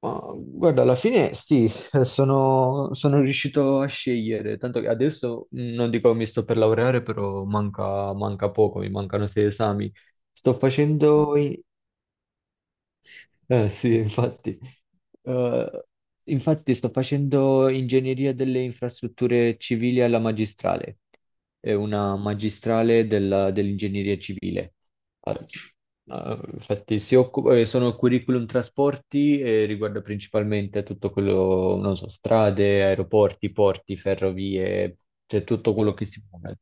Ma, guarda, alla fine sì, sono riuscito a scegliere, tanto che adesso non dico mi sto per laureare, però manca poco, mi mancano sei esami. Sto facendo sì, infatti. Eh, infatti sto facendo ingegneria delle infrastrutture civili alla magistrale, è una magistrale dell'ingegneria civile. Ah, infatti si occupa, sono curriculum trasporti e riguarda principalmente tutto quello, non so, strade, aeroporti, porti, ferrovie, cioè tutto quello che si muove.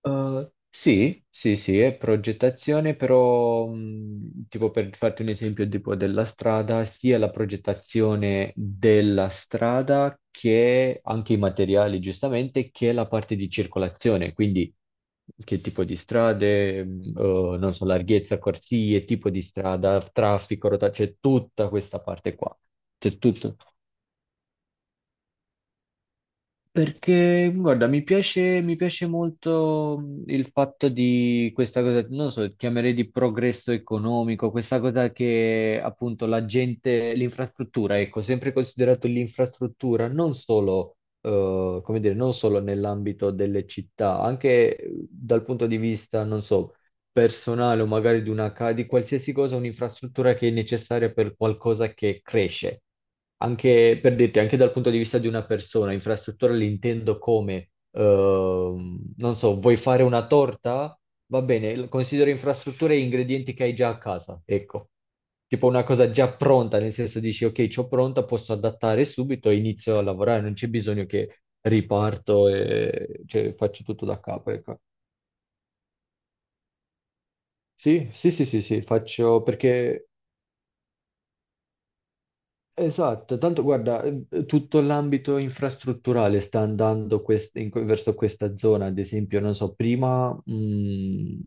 Sì, sì, sì, è progettazione, però tipo per farti un esempio tipo della strada, sia la progettazione della strada che anche i materiali, giustamente, che la parte di circolazione, quindi che tipo di strade, non so, larghezza, corsie, tipo di strada, traffico, rotazione, c'è tutta questa parte qua, c'è tutto. Perché, guarda, mi piace molto il fatto di questa cosa, non lo so, chiamerei di progresso economico, questa cosa che appunto la gente, l'infrastruttura, ecco, sempre considerato l'infrastruttura, non solo, come dire, non solo nell'ambito delle città, anche dal punto di vista, non so, personale o magari di una, di qualsiasi cosa, un'infrastruttura che è necessaria per qualcosa che cresce. Anche per dirti, anche dal punto di vista di una persona, infrastruttura l'intendo come, non so, vuoi fare una torta? Va bene, considero infrastrutture e ingredienti che hai già a casa, ecco. Tipo una cosa già pronta, nel senso dici, ok, c'ho pronta, posso adattare subito e inizio a lavorare, non c'è bisogno che riparto e cioè, faccio tutto da capo, ecco. Sì, sì, sì, sì, sì, faccio perché. Esatto, tanto guarda, tutto l'ambito infrastrutturale sta andando verso questa zona, ad esempio, non so, prima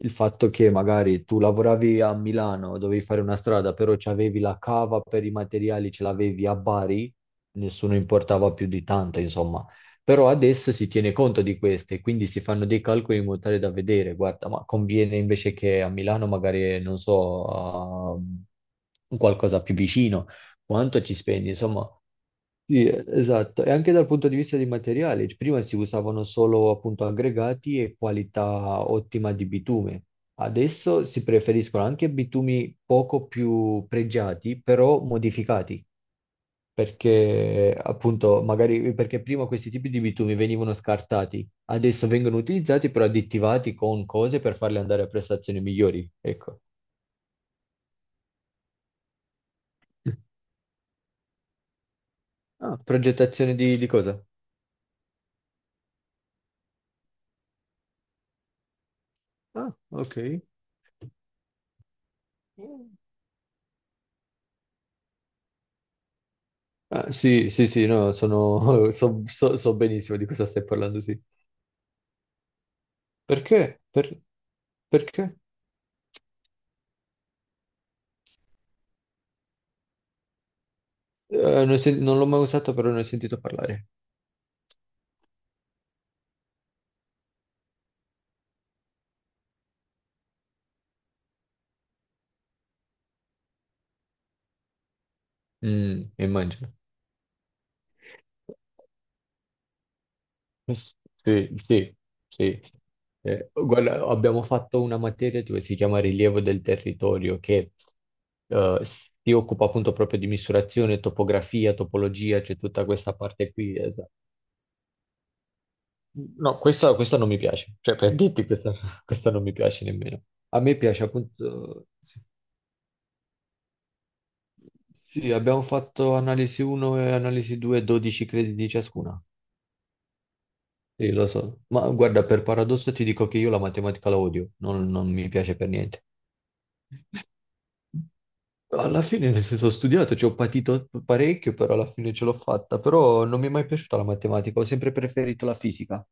il fatto che magari tu lavoravi a Milano, dovevi fare una strada, però c'avevi la cava per i materiali, ce l'avevi a Bari, nessuno importava più di tanto, insomma. Però adesso si tiene conto di queste, quindi si fanno dei calcoli in modo tale da vedere, guarda, ma conviene invece che a Milano magari, non so, qualcosa più vicino quanto ci spendi? Insomma. Sì, esatto, e anche dal punto di vista dei materiali, cioè, prima si usavano solo appunto aggregati e qualità ottima di bitume, adesso si preferiscono anche bitumi poco più pregiati, però modificati, perché appunto magari perché prima questi tipi di bitumi venivano scartati, adesso vengono utilizzati però additivati con cose per farli andare a prestazioni migliori, ecco. Ah, progettazione di cosa? Ah, ok. Ah, sì, sì, sì, no, sono, so benissimo di cosa stai parlando, sì. Perché? Perché? Eh, non, ho sen- non l'ho mai usato, però ne ho sentito parlare. Mm, immagino. Sì, sì, sì. Guarda, abbiamo fatto una materia dove si chiama rilievo del territorio, che eh, si occupa appunto proprio di misurazione, topografia, topologia, c'è tutta questa parte qui. Esatto. No, questa non mi piace, cioè per dirti questa, questa non mi piace nemmeno. A me piace appunto, sì. Sì, abbiamo fatto analisi 1 e analisi 2, 12 crediti ciascuna. Sì, lo so, ma guarda, per paradosso ti dico che io la matematica la odio, non mi piace per niente. Alla fine, nel senso, ho studiato, ci ho patito parecchio, però alla fine ce l'ho fatta, però non mi è mai piaciuta la matematica, ho sempre preferito la fisica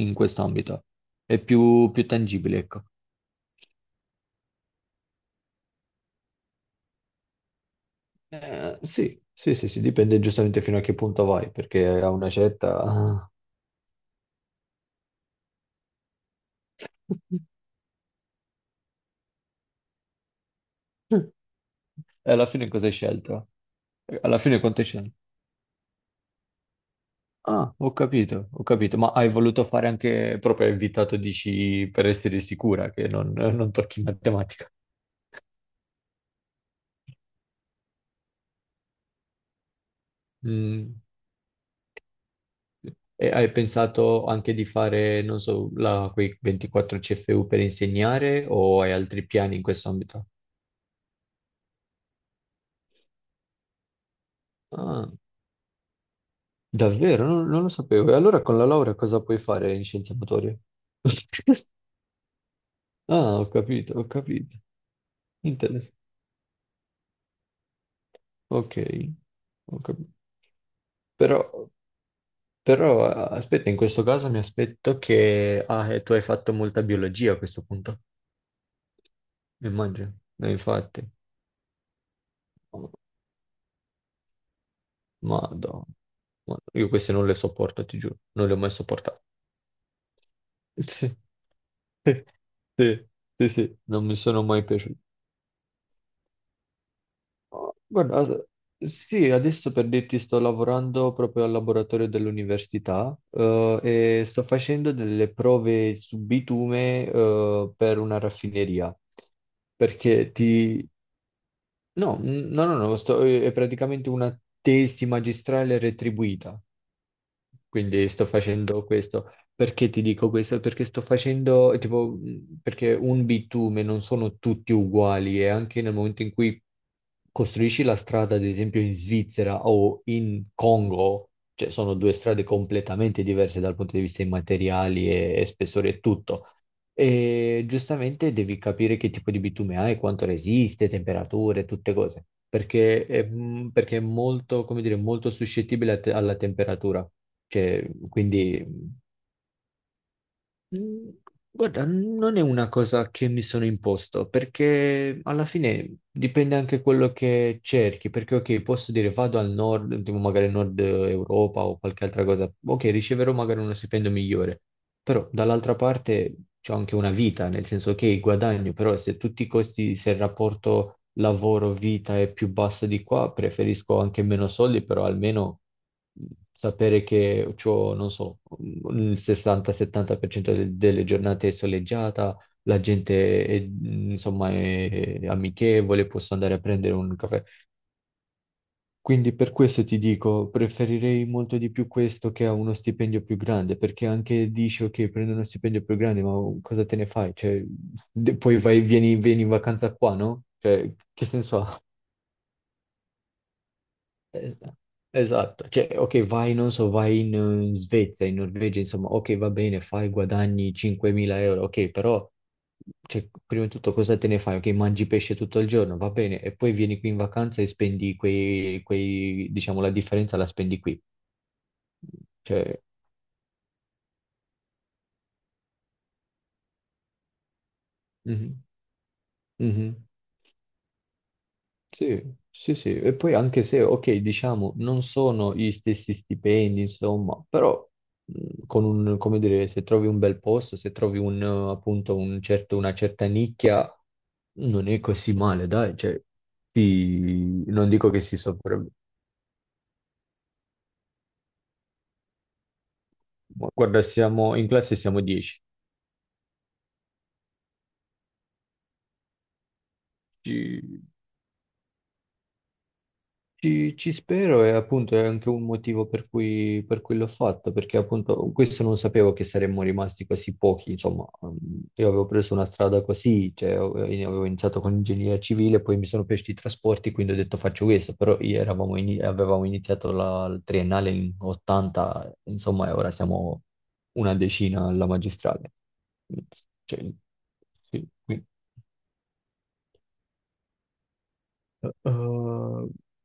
in quest'ambito, è più, più tangibile, ecco. Sì, sì, sì, sì, dipende giustamente fino a che punto vai, perché a una certa... E alla fine cosa hai scelto? Alla fine quanto hai scelto? Ah, ho capito, ma hai voluto fare anche proprio invitato, dici, per essere sicura che non tocchi matematica. Mm. E hai pensato anche di fare, non so, quei 24 CFU per insegnare o hai altri piani in questo ambito? Ah. Davvero? Non lo sapevo. E allora con la laurea cosa puoi fare in scienze motorie? Ah, ho capito, ho capito. Interessante. Ok, ho capito. Però, però, aspetta, in questo caso mi aspetto che tu hai fatto molta biologia a questo punto. Immagino. Infatti. Madonna. Madonna. Io queste non le sopporto, ti giuro. Non le ho mai sopportate. Sì. Sì, sì, sì, non mi sono mai piaciuti. Ah, guarda, sì, adesso per dirti sto lavorando proprio al laboratorio dell'università e sto facendo delle prove su bitume per una raffineria. Perché ti... No, no, no, no, è praticamente una tesi magistrale retribuita. Quindi sto facendo questo. Perché ti dico questo? Perché sto facendo, tipo, perché un bitume non sono tutti uguali e anche nel momento in cui costruisci la strada, ad esempio in Svizzera o in Congo, cioè sono due strade completamente diverse dal punto di vista dei materiali e spessore e tutto. E giustamente devi capire che tipo di bitume hai, quanto resiste, temperature, tutte cose. Perché è molto, come dire, molto suscettibile a alla temperatura. Cioè, quindi, mh, guarda, non è una cosa che mi sono imposto, perché alla fine dipende anche quello che cerchi, perché ok, posso dire vado al nord, tipo magari nord Europa o qualche altra cosa, ok, riceverò magari uno stipendio migliore, però dall'altra parte c'è anche una vita, nel senso che il guadagno, però se tutti i costi, se il rapporto lavoro-vita è più basso di qua, preferisco anche meno soldi, però almeno mh, sapere che ho, non so, il 60-70% delle giornate è soleggiata, la gente è, insomma, è amichevole, posso andare a prendere un caffè. Quindi per questo ti dico, preferirei molto di più questo che a uno stipendio più grande, perché anche dici ok, prendo uno stipendio più grande, ma cosa te ne fai? Cioè, poi vai, vieni in vacanza qua, no? Cioè, che senso ha? Eh, Esatto, cioè, ok, vai, non so, vai in Svezia, in Norvegia, insomma, ok, va bene, fai, guadagni 5.000 euro, ok, però, cioè, prima di tutto cosa te ne fai? Ok, mangi pesce tutto il giorno, va bene, e poi vieni qui in vacanza e spendi diciamo, la differenza la spendi qui. Cioè, mhm, mhm. Sì, sì, sì. E poi anche se, ok, diciamo, non sono gli stessi stipendi, insomma, però con un, come dire, se trovi un bel posto, se trovi un, appunto, un certo, una certa nicchia, non è così male, dai, cioè, non dico che si sopra... Ma guarda, siamo in classe siamo 10. Ci spero e appunto è anche un motivo per cui l'ho fatto, perché appunto questo non sapevo che saremmo rimasti così pochi, insomma, io avevo preso una strada così, cioè avevo iniziato con ingegneria civile, poi mi sono piaciuti i trasporti, quindi ho detto faccio questo, però avevamo iniziato la, il triennale in 80, insomma, e ora siamo una decina alla magistrale. Cioè, sì, qui. Eh,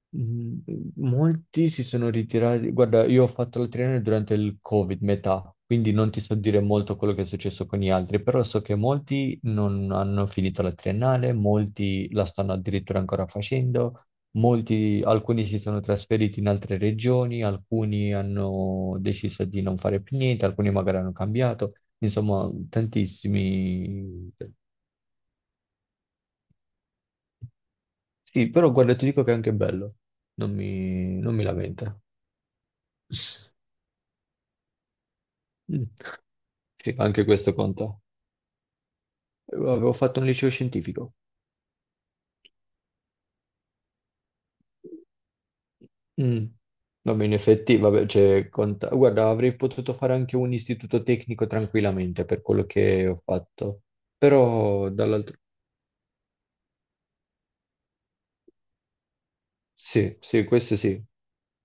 mh, molti si sono ritirati. Guarda, io ho fatto la triennale durante il Covid, metà, quindi non ti so dire molto quello che è successo con gli altri, però so che molti non hanno finito la triennale, molti la stanno addirittura ancora facendo, molti, alcuni si sono trasferiti in altre regioni, alcuni hanno deciso di non fare più niente, alcuni magari hanno cambiato, insomma, tantissimi. Sì, però guarda, ti dico che è anche bello, non mi lamenta. Mm. Sì, anche questo conta. Avevo fatto un liceo scientifico. Mm. Vabbè, in effetti, vabbè, cioè, conta. Guarda, avrei potuto fare anche un istituto tecnico tranquillamente per quello che ho fatto. Però dall'altro... Sì, sì,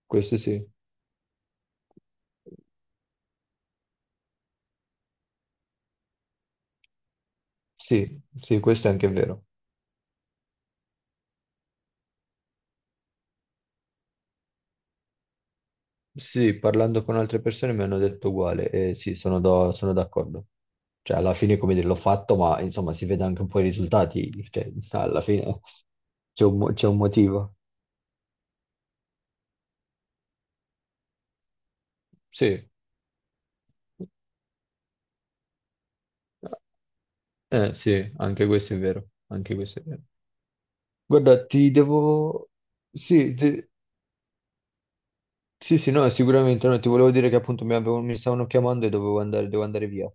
questo sì. Sì, sì, questo è anche vero. Sì, parlando con altre persone mi hanno detto uguale e sì, sono d'accordo. Cioè, alla fine, come dire, l'ho fatto, ma insomma, si vede anche un po' i risultati. Cioè, alla fine c'è un, c'è un motivo. Sì, sì, anche questo è vero. Anche questo è vero. Guarda, ti devo... Sì, sì, sì, no, sicuramente no. Ti volevo dire che appunto mi stavano chiamando e dovevo andare, devo andare via.